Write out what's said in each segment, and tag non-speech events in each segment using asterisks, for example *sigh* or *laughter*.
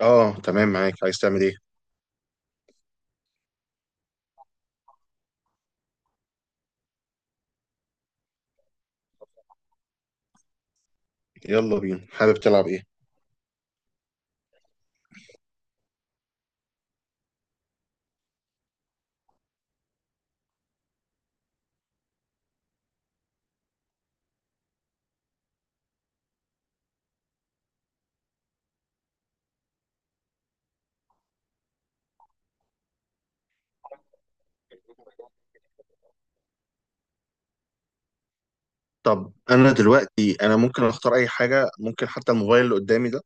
اه تمام، معاك. عايز تعمل ايه؟ يلا بينا، حابب تلعب ايه؟ طب انا دلوقتي انا ممكن اختار اي حاجة، ممكن حتى الموبايل اللي قدامي ده.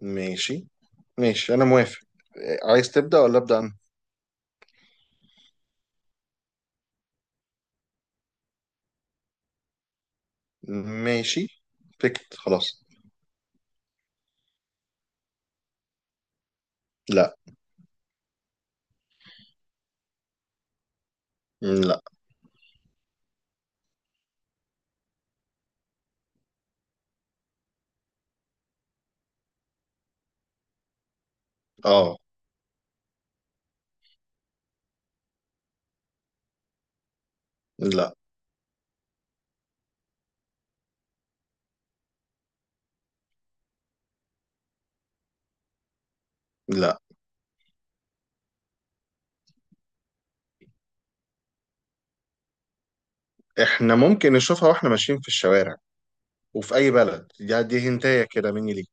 ماشي. ماشي انا موافق. عايز تبدأ ولا أبدأ انا؟ ماشي. بكت خلاص. لا. لا. اه. لا. لا. احنا ممكن نشوفها واحنا ماشيين في الشوارع، وفي اي بلد. دي هنتايه كده مني ليك.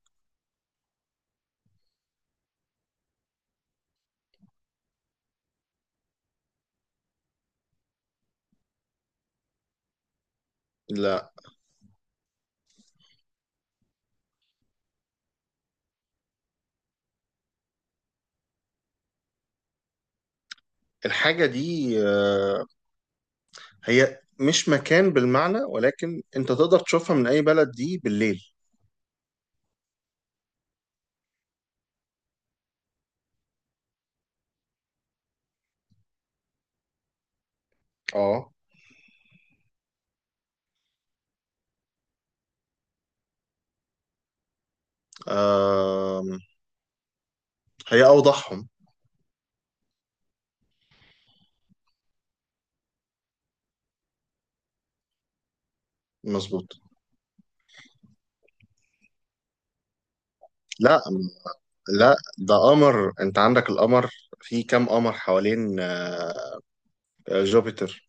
لا. الحاجة دي هي مش مكان بالمعنى، ولكن انت تقدر تشوفها من اي بلد دي بالليل. اه. آم، هي أوضحهم. مظبوط. لا. لا، ده قمر. أنت عندك القمر. في كام قمر حوالين جوبيتر؟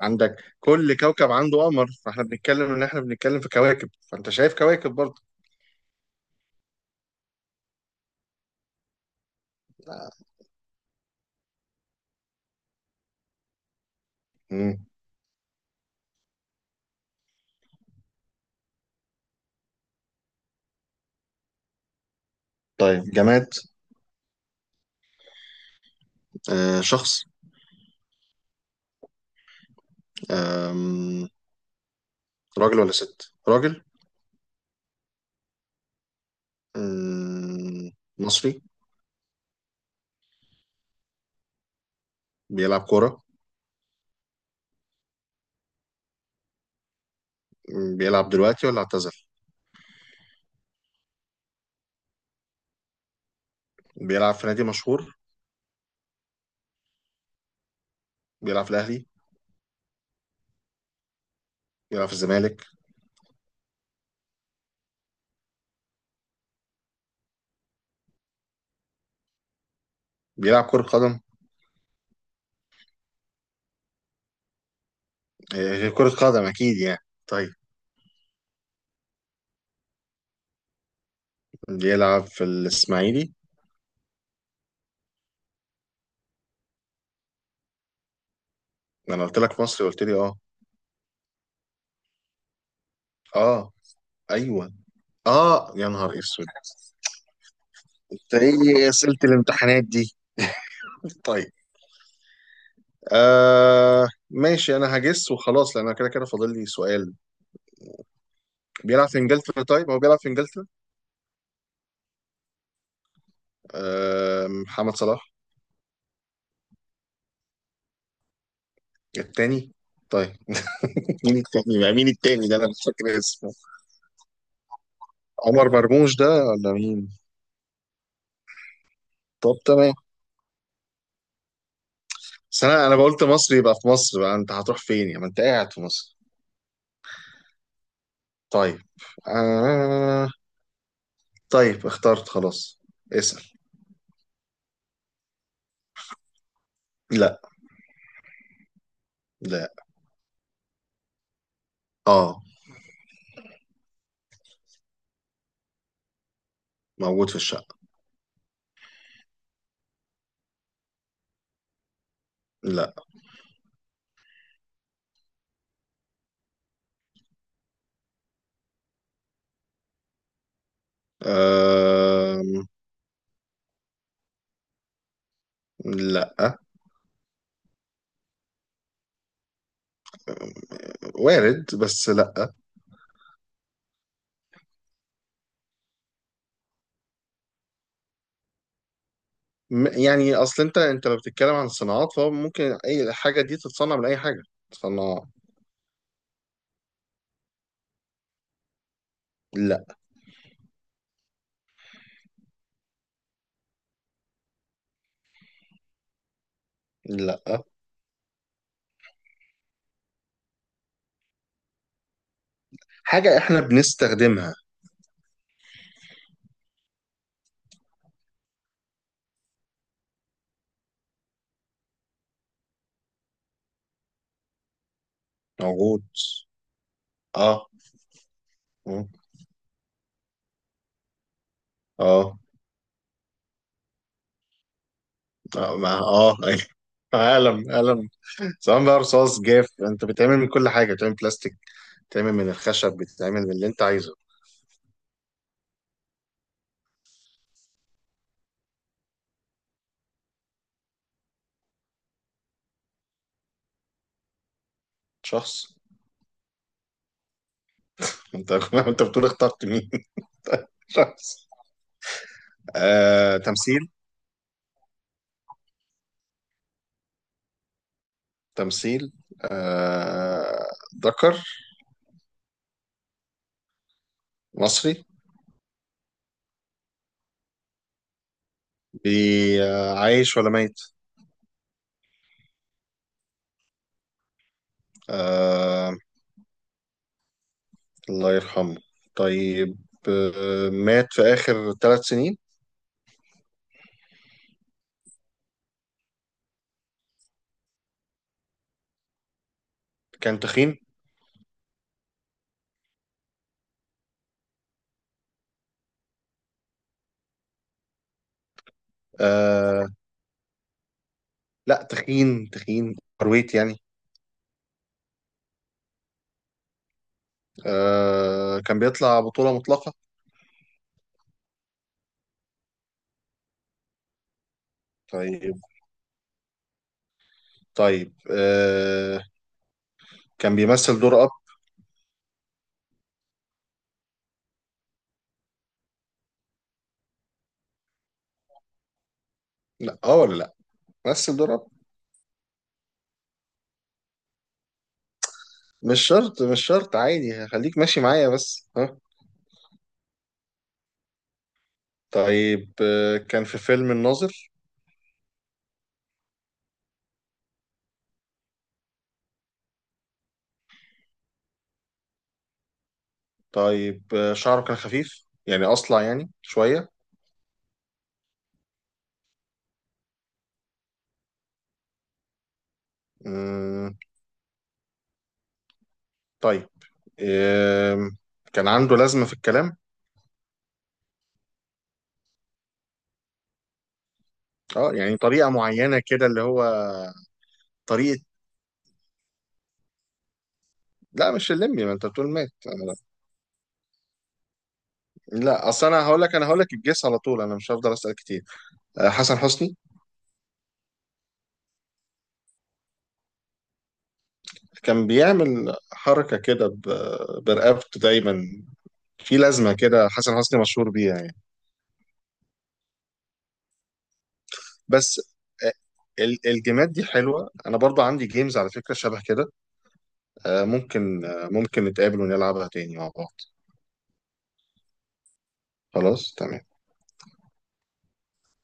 عندك كل كوكب عنده قمر، فاحنا بنتكلم إن احنا بنتكلم في كواكب، فأنت شايف كواكب برضه. آه. مم. طيب، جماد. شخص. آم، راجل ولا ست؟ راجل. مم، مصري. بيلعب كورة. مم، بيلعب دلوقتي ولا اعتزل؟ بيلعب في نادي مشهور. بيلعب في الأهلي؟ بيلعب في الزمالك؟ بيلعب كرة قدم. غير كرة قدم أكيد يعني. طيب. بيلعب في الإسماعيلي؟ أنا قلت لك مصري، قلت لي أه. أه. أيوه. أه يا نهار أسود. أنت إيه أسئلة الامتحانات دي؟ *laughs* طيب. ماشي، أنا هجس وخلاص، لأن أنا كده كده فاضل لي سؤال. بيلعب في إنجلترا؟ طيب، هو بيلعب في إنجلترا. محمد صلاح. التاني؟ طيب. *laughs* مين التاني بقى، مين التاني ده؟ أنا مش فاكر اسمه. عمر مرموش ده ولا مين؟ طب تمام. بس انا قلت مصر، يبقى في مصر بقى، انت هتروح فين يعني؟ ما انت قاعد في مصر. طيب. آه... طيب اخترت خلاص. اسأل. لا. لا. اه. موجود في الشقة. لا. آه... لا. وارد بس لا. يعني اصل انت لو بتتكلم عن صناعات، فهو ممكن اي حاجة دي تتصنع من اي حاجة. صناعة. لا. لا. حاجة احنا بنستخدمها. موجود. اه. اه. اه. اه أيوة. قلم قلم. سواء بقى رصاص جاف، انت بتعمل من كل حاجه، بتعمل بلاستيك، بتعمل من الخشب، بتعمل من اللي انت عايزه. شخص. انت *laughs* انت بتقول اخترت مين؟ *laughs* شخص. تمثيل. تمثيل. آه، ذكر. مصري. عايش ولا ميت؟ آه، الله يرحمه. طيب. مات في آخر 3 سنين. كان تخين. آه، لا، تخين تخين. أرويت يعني. كان بيطلع بطولة مطلقة. طيب. طيب كان بيمثل دور اب. لا. اه. ولا لا. مثل دور اب. مش شرط، مش شرط عادي، خليك ماشي معايا بس ها. طيب كان في فيلم الناظر. طيب شعره كان خفيف، يعني اصلع يعني شوية. مم. طيب آه كان عنده لازمة في الكلام. اه، يعني طريقة معينة كده اللي هو. طريقة. لا مش اللمبي، ما انت بتقول مات أنا. لا، اصل انا هقول لك الجيس على طول، انا مش هفضل اسال كتير. حسن حسني. كان بيعمل حركة كده برقبته دايما. في لازمة كده حسن حسني مشهور بيها يعني. بس. آه، الجيمات دي حلوة، أنا برضو عندي جيمز على فكرة شبه كده. ممكن نتقابل ونلعبها تاني مع بعض. خلاص تمام.